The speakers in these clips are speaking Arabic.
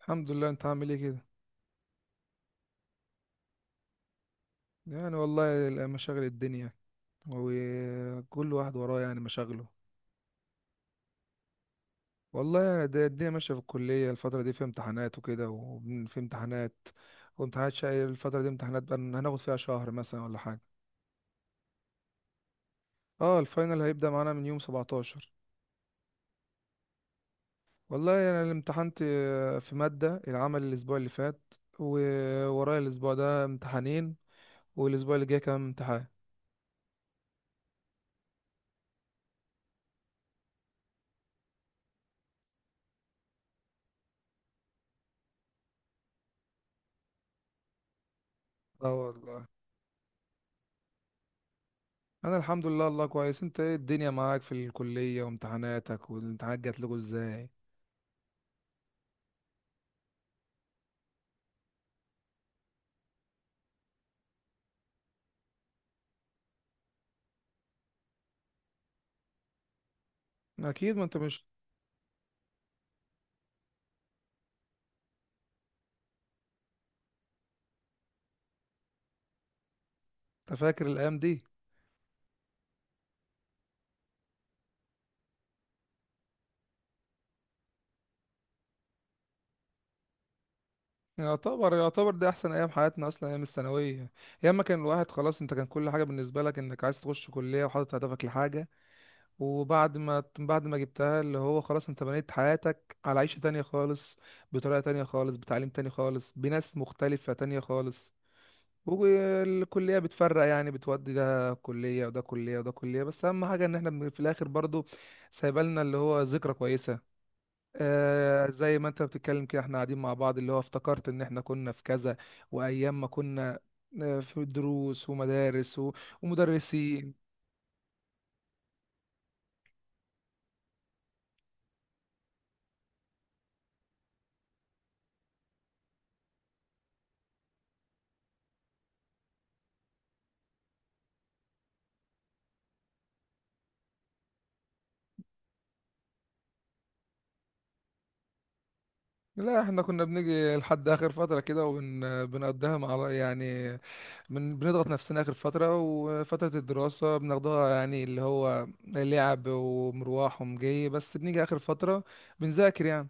الحمد لله. انت عامل ايه كده؟ يعني والله مشاغل الدنيا، وكل واحد وراه يعني مشاغله. والله يعني الدنيا ماشيه في الكليه، الفتره دي في امتحانات وكده، وفي امتحانات وامتحانات شقي الفتره دي. امتحانات بقى هناخد فيها شهر مثلا ولا حاجه. اه، الفاينل هيبدا معانا من يوم 17. والله انا يعني امتحنت في ماده العمل الاسبوع اللي فات، وورايا الاسبوع ده امتحانين، والاسبوع اللي جاي كمان امتحان. اه والله، انا الحمد لله الله كويس. انت ايه الدنيا معاك في الكلية وامتحاناتك، والامتحانات جات لكم ازاي؟ اكيد، ما انت مش أنت فاكر الايام دي؟ يعتبر يعتبر دي احسن ايام حياتنا اصلا، ايام الثانويه. ايام ما كان الواحد خلاص، انت كان كل حاجه بالنسبه لك انك عايز تخش كليه، وحاطط هدفك لحاجه. وبعد ما جبتها، اللي هو خلاص انت بنيت حياتك على عيشه تانية خالص، بطريقه تانية خالص، بتعليم تاني خالص، بناس مختلفه تانية خالص. والكلية بتفرق يعني، بتودي ده كلية وده كلية وده كلية، بس أهم حاجة إن احنا في الآخر برضو سايبالنا اللي هو ذكرى كويسة. آه، زي ما أنت بتتكلم كده احنا قاعدين مع بعض اللي هو افتكرت إن احنا كنا في كذا، وأيام ما كنا في دروس ومدارس ومدرسين. لا، احنا كنا بنيجي لحد آخر فترة كده وبنقضيها مع بعض يعني، من بنضغط نفسنا آخر فترة، وفترة الدراسة بناخدها يعني اللي هو لعب ومروح ومجي، بس بنيجي آخر فترة بنذاكر يعني.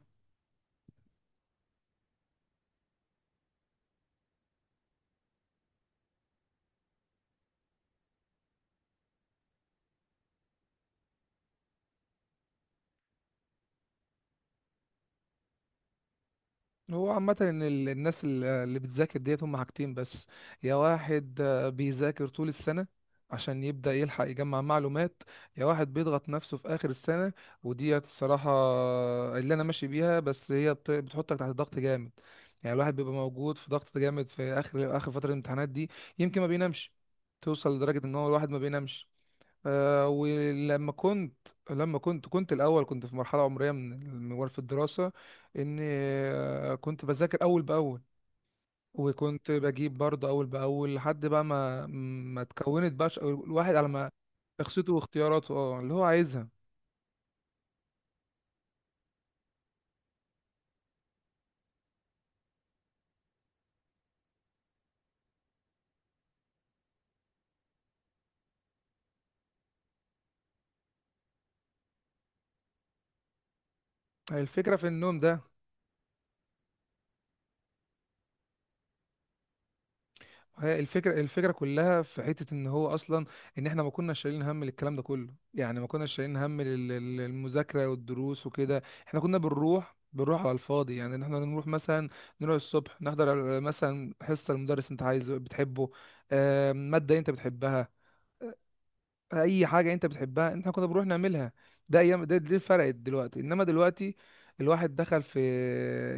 هو عامة إن الناس اللي بتذاكر ديت هم حاجتين بس. يا واحد بيذاكر طول السنة عشان يبدأ يلحق يجمع معلومات، يا واحد بيضغط نفسه في آخر السنة. وديت الصراحة اللي أنا ماشي بيها، بس هي بتحطك تحت ضغط جامد. يعني الواحد بيبقى موجود في ضغط جامد في آخر آخر فترة الامتحانات دي. يمكن ما بينامش، توصل لدرجة إن هو الواحد ما بينامش. آه، ولما كنت لما كنت كنت الاول كنت في مرحله عمريه من الموال في الدراسه، ان كنت بذاكر اول باول، وكنت بجيب برضه اول باول، لحد بقى ما اتكونت بقى الواحد على ما شخصيته واختياراته، اه اللي هو عايزها. الفكره في النوم ده. هي الفكرة، الفكرة كلها في حتة ان هو اصلا ان احنا ما كناش شايلين هم للكلام ده كله. يعني ما كناش شايلين هم للمذاكرة والدروس وكده. احنا كنا بنروح على الفاضي يعني، ان احنا نروح مثلا نروح الصبح نحضر مثلا حصة المدرس انت عايزه بتحبه. مادة انت بتحبها، اي حاجة انت بتحبها احنا كنا بنروح نعملها. ده ايام ده دي فرقت دلوقتي. انما دلوقتي الواحد دخل في،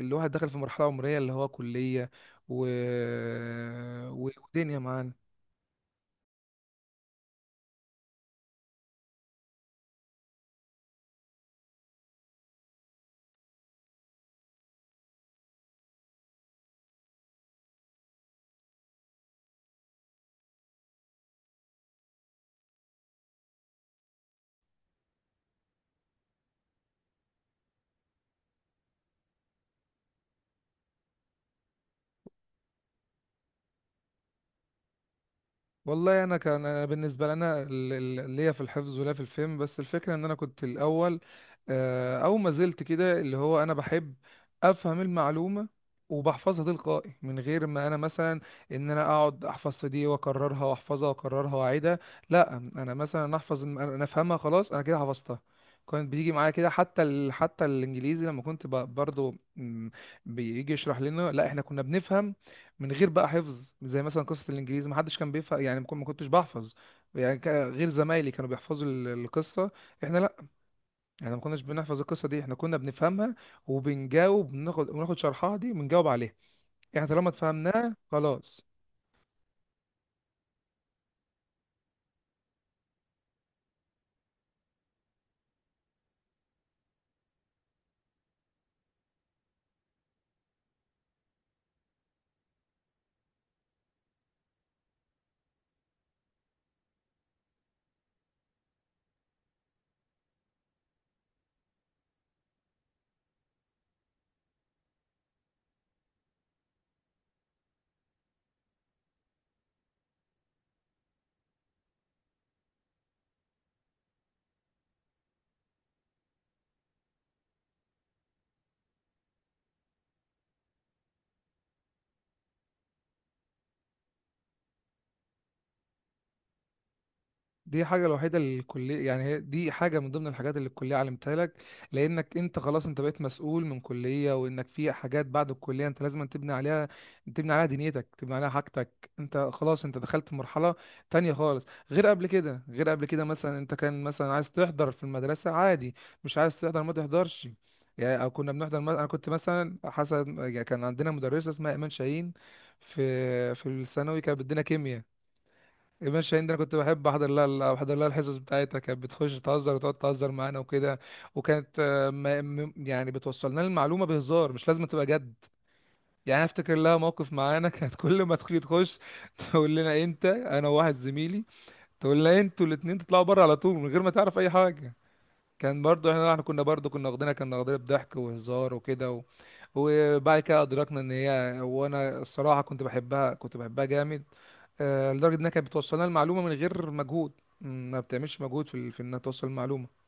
الواحد دخل في مرحلة عمرية اللي هو كلية و... ودنيا معانا. والله انا كان أنا بالنسبه لنا ليا في الحفظ ولا في الفهم، بس الفكره ان انا كنت الاول او ما زلت كده اللي هو انا بحب افهم المعلومه وبحفظها تلقائي، من غير ما انا مثلا ان انا اقعد احفظ في دي واكررها واحفظها واكررها واعيدها. لا، انا مثلا احفظ انا افهمها خلاص انا كده حفظتها. كانت بتيجي معايا كده، حتى الانجليزي لما كنت برضو بيجي يشرح لنا، لا احنا كنا بنفهم من غير بقى حفظ. زي مثلا قصة الإنجليزي، ما حدش كان بيفهم يعني، ما كنتش بحفظ يعني، غير زمايلي كانوا بيحفظوا القصة. احنا لا، احنا ما كناش بنحفظ القصة دي، احنا كنا بنفهمها وبنجاوب. بناخد شرحها دي بنجاوب عليها، احنا طالما اتفهمناها خلاص. دي حاجة الوحيدة اللي الكلية يعني، هي دي حاجة من ضمن الحاجات اللي الكلية علمتها لك. لأنك أنت خلاص أنت بقيت مسؤول من كلية، وإنك في حاجات بعد الكلية أنت لازم تبني عليها، تبني عليها دنيتك، تبني عليها حاجتك. أنت خلاص أنت دخلت مرحلة تانية خالص، غير قبل كده غير قبل كده. مثلا أنت كان مثلا عايز تحضر في المدرسة عادي، مش عايز تحضر ما تحضرش يعني. أو كنا بنحضر مثلا، أنا كنت مثلا حسب يعني، كان عندنا مدرسة اسمها إيمان شاهين في في الثانوي، كانت بتدينا كيمياء. ماشي هند، انا كنت بحب احضر لها، احضر لها الحصص بتاعتها. كانت بتخش تهزر وتقعد تهزر معانا وكده، وكانت يعني بتوصلنا المعلومه بهزار، مش لازم تبقى جد يعني. أنا افتكر لها موقف معانا كانت كل ما تخلي تخش تقول لنا انت، انا وواحد زميلي، تقول لنا انتوا الاتنين تطلعوا بره على طول من غير ما تعرف اي حاجه. كان برضو احنا، احنا كنا واخدينها بضحك وهزار وكده. وبعد كده ادركنا ان هي، وانا الصراحه كنت بحبها، كنت بحبها جامد. لدرجه انها كانت بتوصلنا المعلومه من غير مجهود. ما بتعملش مجهود في انها توصل المعلومه.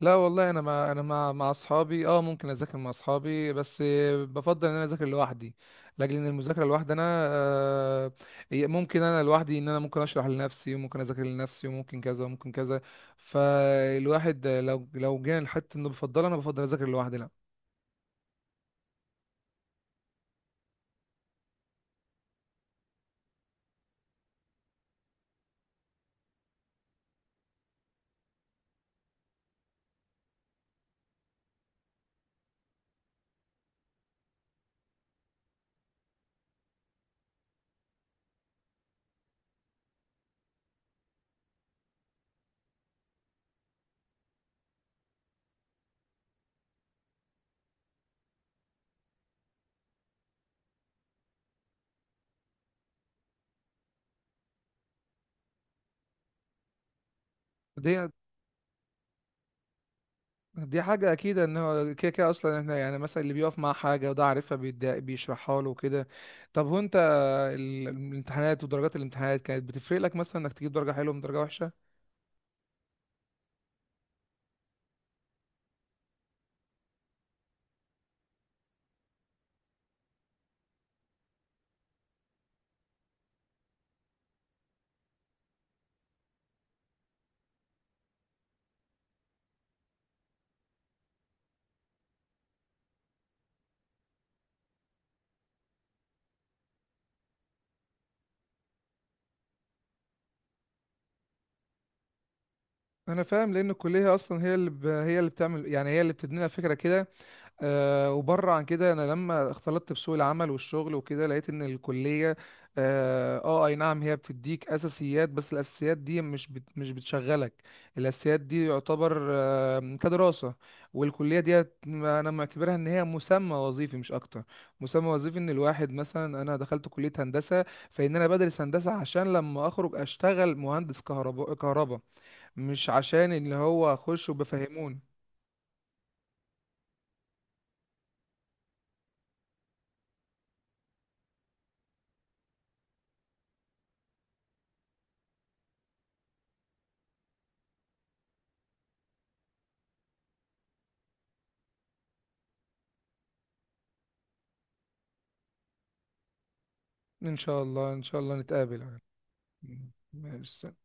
لا والله انا مع، انا مع اصحابي اه ممكن اذاكر مع اصحابي، بس بفضل ان انا اذاكر لوحدي، لاجل ان المذاكره لوحدي انا، آه، هي ممكن انا لوحدي، ان انا ممكن اشرح لنفسي وممكن اذاكر لنفسي وممكن كذا وممكن كذا. فالواحد لو جينا لحته انه بفضل انا بفضل اذاكر لوحدي. لا دي، دي حاجة أكيد إن هو كده كده أصلا، إحنا يعني مثلا اللي بيقف مع حاجة وده عارفها بيشرحها له وكده. طب هو أنت، الامتحانات ودرجات الامتحانات كانت بتفرق لك مثلا إنك تجيب درجة حلوة من درجة وحشة؟ أنا فاهم، لأن الكلية أصلا هي هي اللي بتعمل يعني، هي اللي بتدينا فكرة كده. وبره عن كده، انا لما اختلطت بسوق العمل والشغل وكده لقيت ان الكليه، اي نعم هي بتديك اساسيات، بس الاساسيات دي مش بتشغلك. الاساسيات دي يعتبر كدراسه، والكليه دي انا معتبرها ان هي مسمى وظيفي مش اكتر. مسمى وظيفي، ان الواحد مثلا انا دخلت كليه هندسه، فان انا بدرس هندسه عشان لما اخرج اشتغل مهندس كهرباء كهرباء، مش عشان اللي هو اخش وبفهموني. ان شاء الله ان شاء الله نتقابل مارس.